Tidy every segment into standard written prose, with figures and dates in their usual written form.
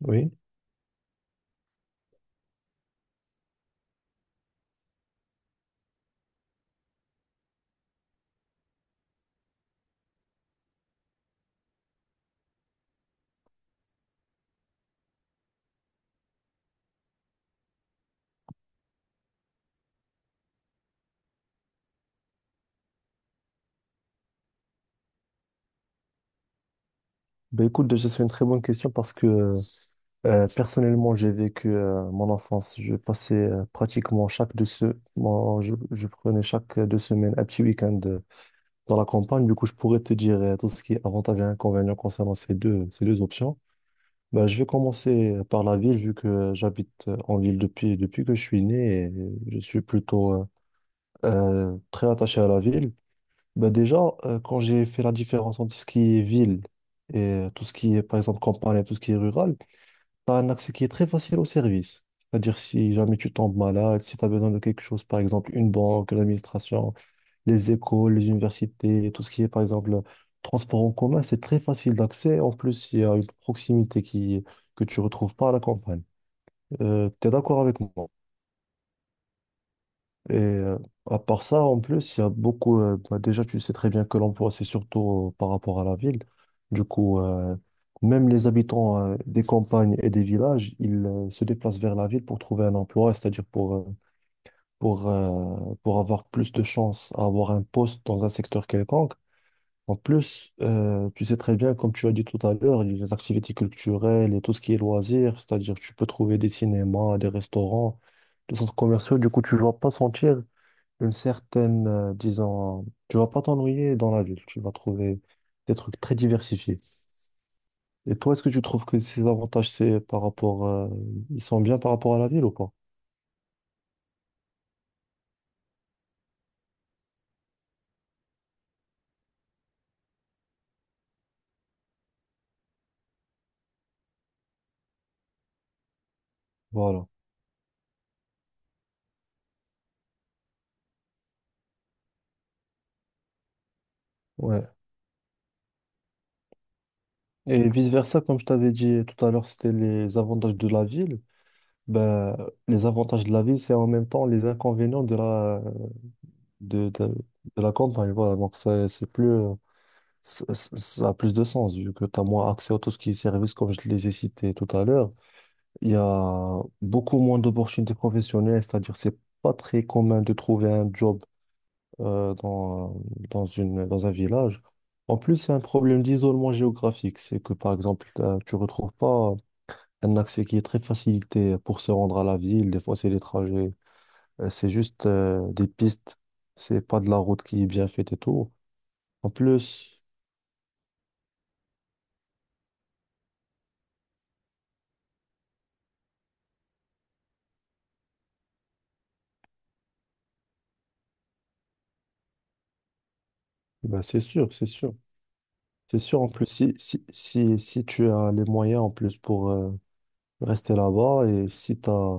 Oui. Ben écoute, déjà, c'est une très bonne question parce que personnellement, j'ai vécu mon enfance. Je passais pratiquement moi, je prenais chaque deux semaines un petit week-end dans la campagne. Du coup, je pourrais te dire tout ce qui est avantages et inconvénients concernant ces deux options. Ben, je vais commencer par la ville, vu que j'habite en ville depuis que je suis né et je suis plutôt très attaché à la ville. Bah déjà, quand j'ai fait la différence entre ce qui est ville et tout ce qui est, par exemple, campagne et tout ce qui est rural, tu as un accès qui est très facile au service. C'est-à-dire, si jamais tu tombes malade, si tu as besoin de quelque chose, par exemple, une banque, l'administration, les écoles, les universités, tout ce qui est, par exemple, transport en commun, c'est très facile d'accès. En plus, il y a une proximité que tu retrouves pas à la campagne. Tu es d'accord avec moi? Et à part ça, en plus, il y a beaucoup. Bah, déjà, tu sais très bien que l'emploi, c'est surtout par rapport à la ville. Du coup, même les habitants des campagnes et des villages, ils se déplacent vers la ville pour trouver un emploi, c'est-à-dire pour, euh, pour avoir plus de chances à avoir un poste dans un secteur quelconque. En plus, tu sais très bien, comme tu as dit tout à l'heure, les activités culturelles et tout ce qui est loisirs, c'est-à-dire tu peux trouver des cinémas, des restaurants, des centres commerciaux. Du coup, tu ne vas pas sentir une certaine, tu vas pas t'ennuyer dans la ville, tu vas trouver des trucs très diversifiés. Et toi, est-ce que tu trouves que ces avantages, c'est par rapport, ils sont bien par rapport à la ville ou pas? Voilà, ouais. Et vice-versa, comme je t'avais dit tout à l'heure, c'était les avantages de la ville. Ben, les avantages de la ville, c'est en même temps les inconvénients de de la campagne. Voilà, donc ça c'est ça a plus de sens vu que tu as moins accès à tout ce qui est service, comme je les ai cités tout à l'heure. Il y a beaucoup moins d'opportunités professionnelles, c'est-à-dire c'est pas très commun de trouver un job euh, dans, dans dans un village. En plus, c'est un problème d'isolement géographique. C'est que, par exemple, tu retrouves pas un accès qui est très facilité pour se rendre à la ville. Des fois, c'est des trajets. C'est juste des pistes. C'est pas de la route qui est bien faite et tout. En plus, ben, c'est sûr, c'est sûr. C'est sûr, en plus, si tu as les moyens en plus pour rester là-bas et si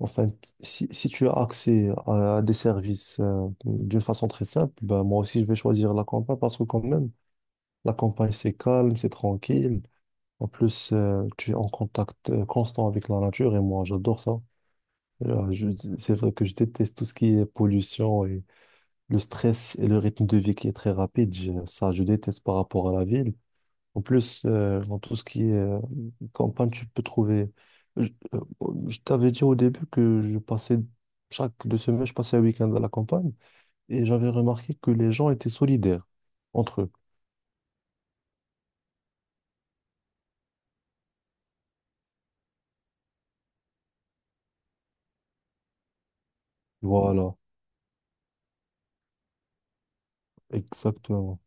enfin, si tu as accès à des services d'une façon très simple, ben moi aussi je vais choisir la campagne parce que quand même, la campagne c'est calme, c'est tranquille. En plus, tu es en contact constant avec la nature et moi j'adore ça. Euh, je- c'est vrai que je déteste tout ce qui est pollution et le stress et le rythme de vie qui est très rapide. Ça, je déteste par rapport à la ville. En plus, dans tout ce qui est campagne, tu peux trouver. Bon, je t'avais dit au début que je passais, chaque deux semaines, je passais un week-end à la campagne et j'avais remarqué que les gens étaient solidaires entre eux. Voilà, exactement.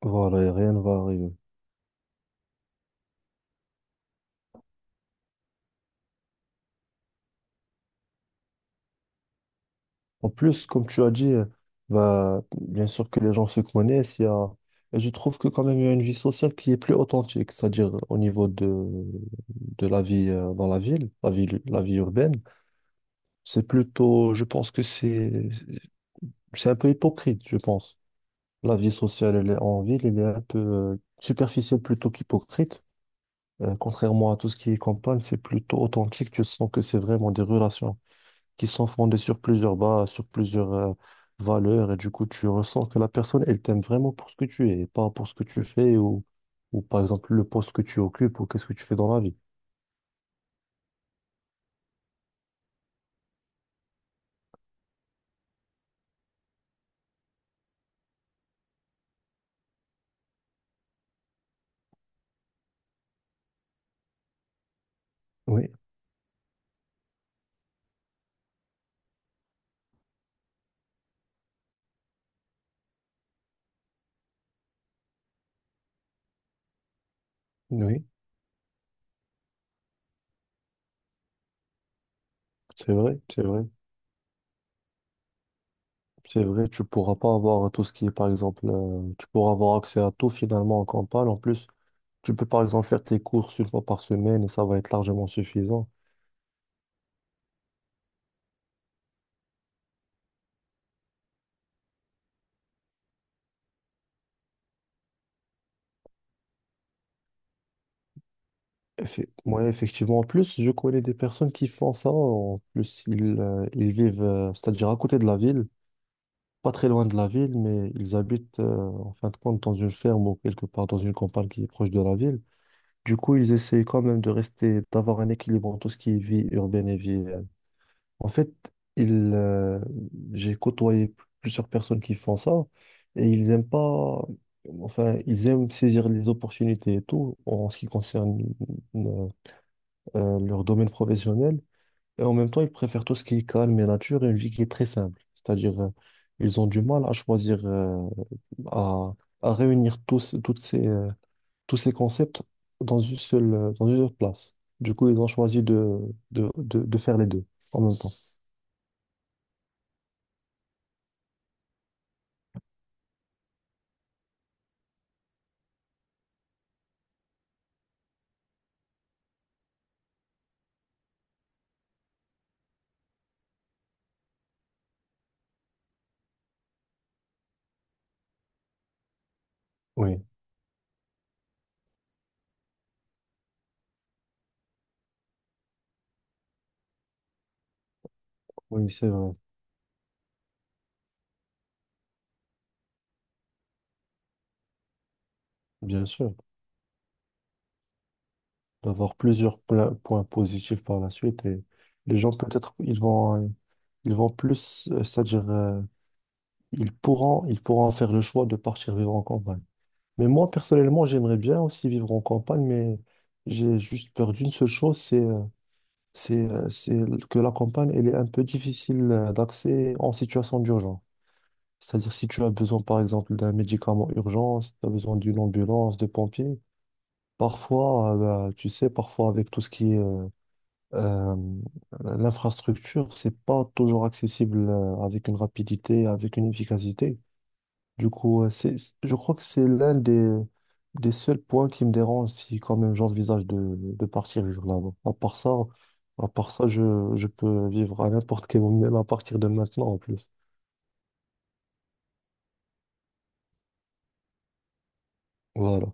Voilà, et rien ne va arriver. En plus, comme tu as dit, bah, bien sûr que les gens se connaissent. Il y a... Et je trouve que quand même, il y a une vie sociale qui est plus authentique, c'est-à-dire au niveau de la vie dans la ville, la vie urbaine. C'est plutôt, je pense que c'est un peu hypocrite, je pense. La vie sociale, elle est en ville, elle est un peu superficielle plutôt qu'hypocrite. Contrairement à tout ce qui est campagne, c'est plutôt authentique. Tu sens que c'est vraiment des relations qui sont fondées sur plusieurs bases, sur plusieurs valeurs, et du coup, tu ressens que la personne, elle t'aime vraiment pour ce que tu es, et pas pour ce que tu fais ou par exemple le poste que tu occupes ou qu'est-ce que tu fais dans la vie. Oui, oui, c'est vrai, c'est vrai. C'est vrai, tu pourras pas avoir tout ce qui est, par exemple, tu pourras avoir accès à tout finalement en campagne. En plus, tu peux par exemple faire tes courses une fois par semaine et ça va être largement suffisant. Ouais, effectivement. En plus, je connais des personnes qui font ça. En plus, ils vivent, c'est-à-dire à côté de la ville, pas très loin de la ville, mais ils habitent en fin de compte dans une ferme ou quelque part dans une campagne qui est proche de la ville. Du coup, ils essayent quand même de rester, d'avoir un équilibre entre tout ce qui est vie urbaine et vie En fait, il, euh, j'ai côtoyé plusieurs personnes qui font ça et ils aiment pas, enfin, ils aiment saisir les opportunités et tout en ce qui concerne euh, leur domaine professionnel. Et en même temps, ils préfèrent tout ce qui est calme et nature et une vie qui est très simple. C'est-à-dire, ils ont du mal à choisir, à, à réunir toutes tous ces concepts dans une seule place. Du coup, ils ont choisi de faire les deux en même temps. Oui, oui, c'est vrai. Bien sûr, d'avoir plusieurs points positifs par la suite et les gens peut-être ils vont plus c'est-à-dire ils pourront faire le choix de partir vivre en campagne. Mais moi personnellement, j'aimerais bien aussi vivre en campagne mais j'ai juste peur d'une seule chose, c'est que la campagne elle est un peu difficile d'accès en situation d'urgence. C'est-à-dire si tu as besoin par exemple d'un médicament urgent, si tu as besoin d'une ambulance, de pompiers. Parfois, bah, tu sais, parfois avec tout ce qui est Euh, l'infrastructure, c'est pas toujours accessible avec une rapidité, avec une efficacité. Du coup, je crois que c'est l'un des seuls points qui me dérange si quand même j'envisage de partir vivre là-bas. À part ça, je peux vivre à n'importe quel moment, même à partir de maintenant en plus. Voilà.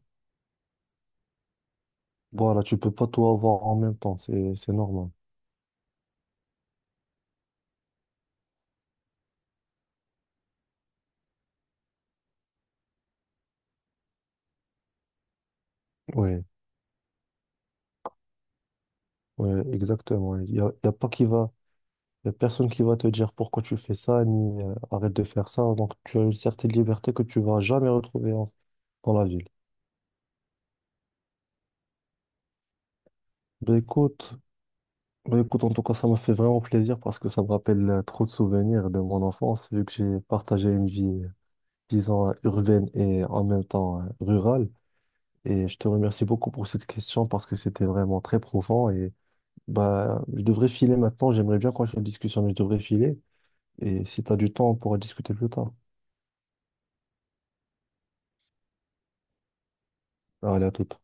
Voilà, tu peux pas tout avoir en même temps, c'est normal. Oui, ouais, ouais, exactement. Il y a pas qui va. Il n'y a personne qui va te dire pourquoi tu fais ça, ni arrête de faire ça. Donc, tu as une certaine liberté que tu vas jamais dans la ville. Ben écoute, ben écoute, en tout cas, ça m'a fait vraiment plaisir parce que ça me rappelle trop de souvenirs de mon enfance, vu que j'ai partagé une vie urbaine et en même temps rurale. Et je te remercie beaucoup pour cette question parce que c'était vraiment très profond. Et bah, je devrais filer maintenant. J'aimerais bien continuer la discussion, mais je devrais filer. Et si tu as du temps, on pourra discuter plus tard. Allez, à toute.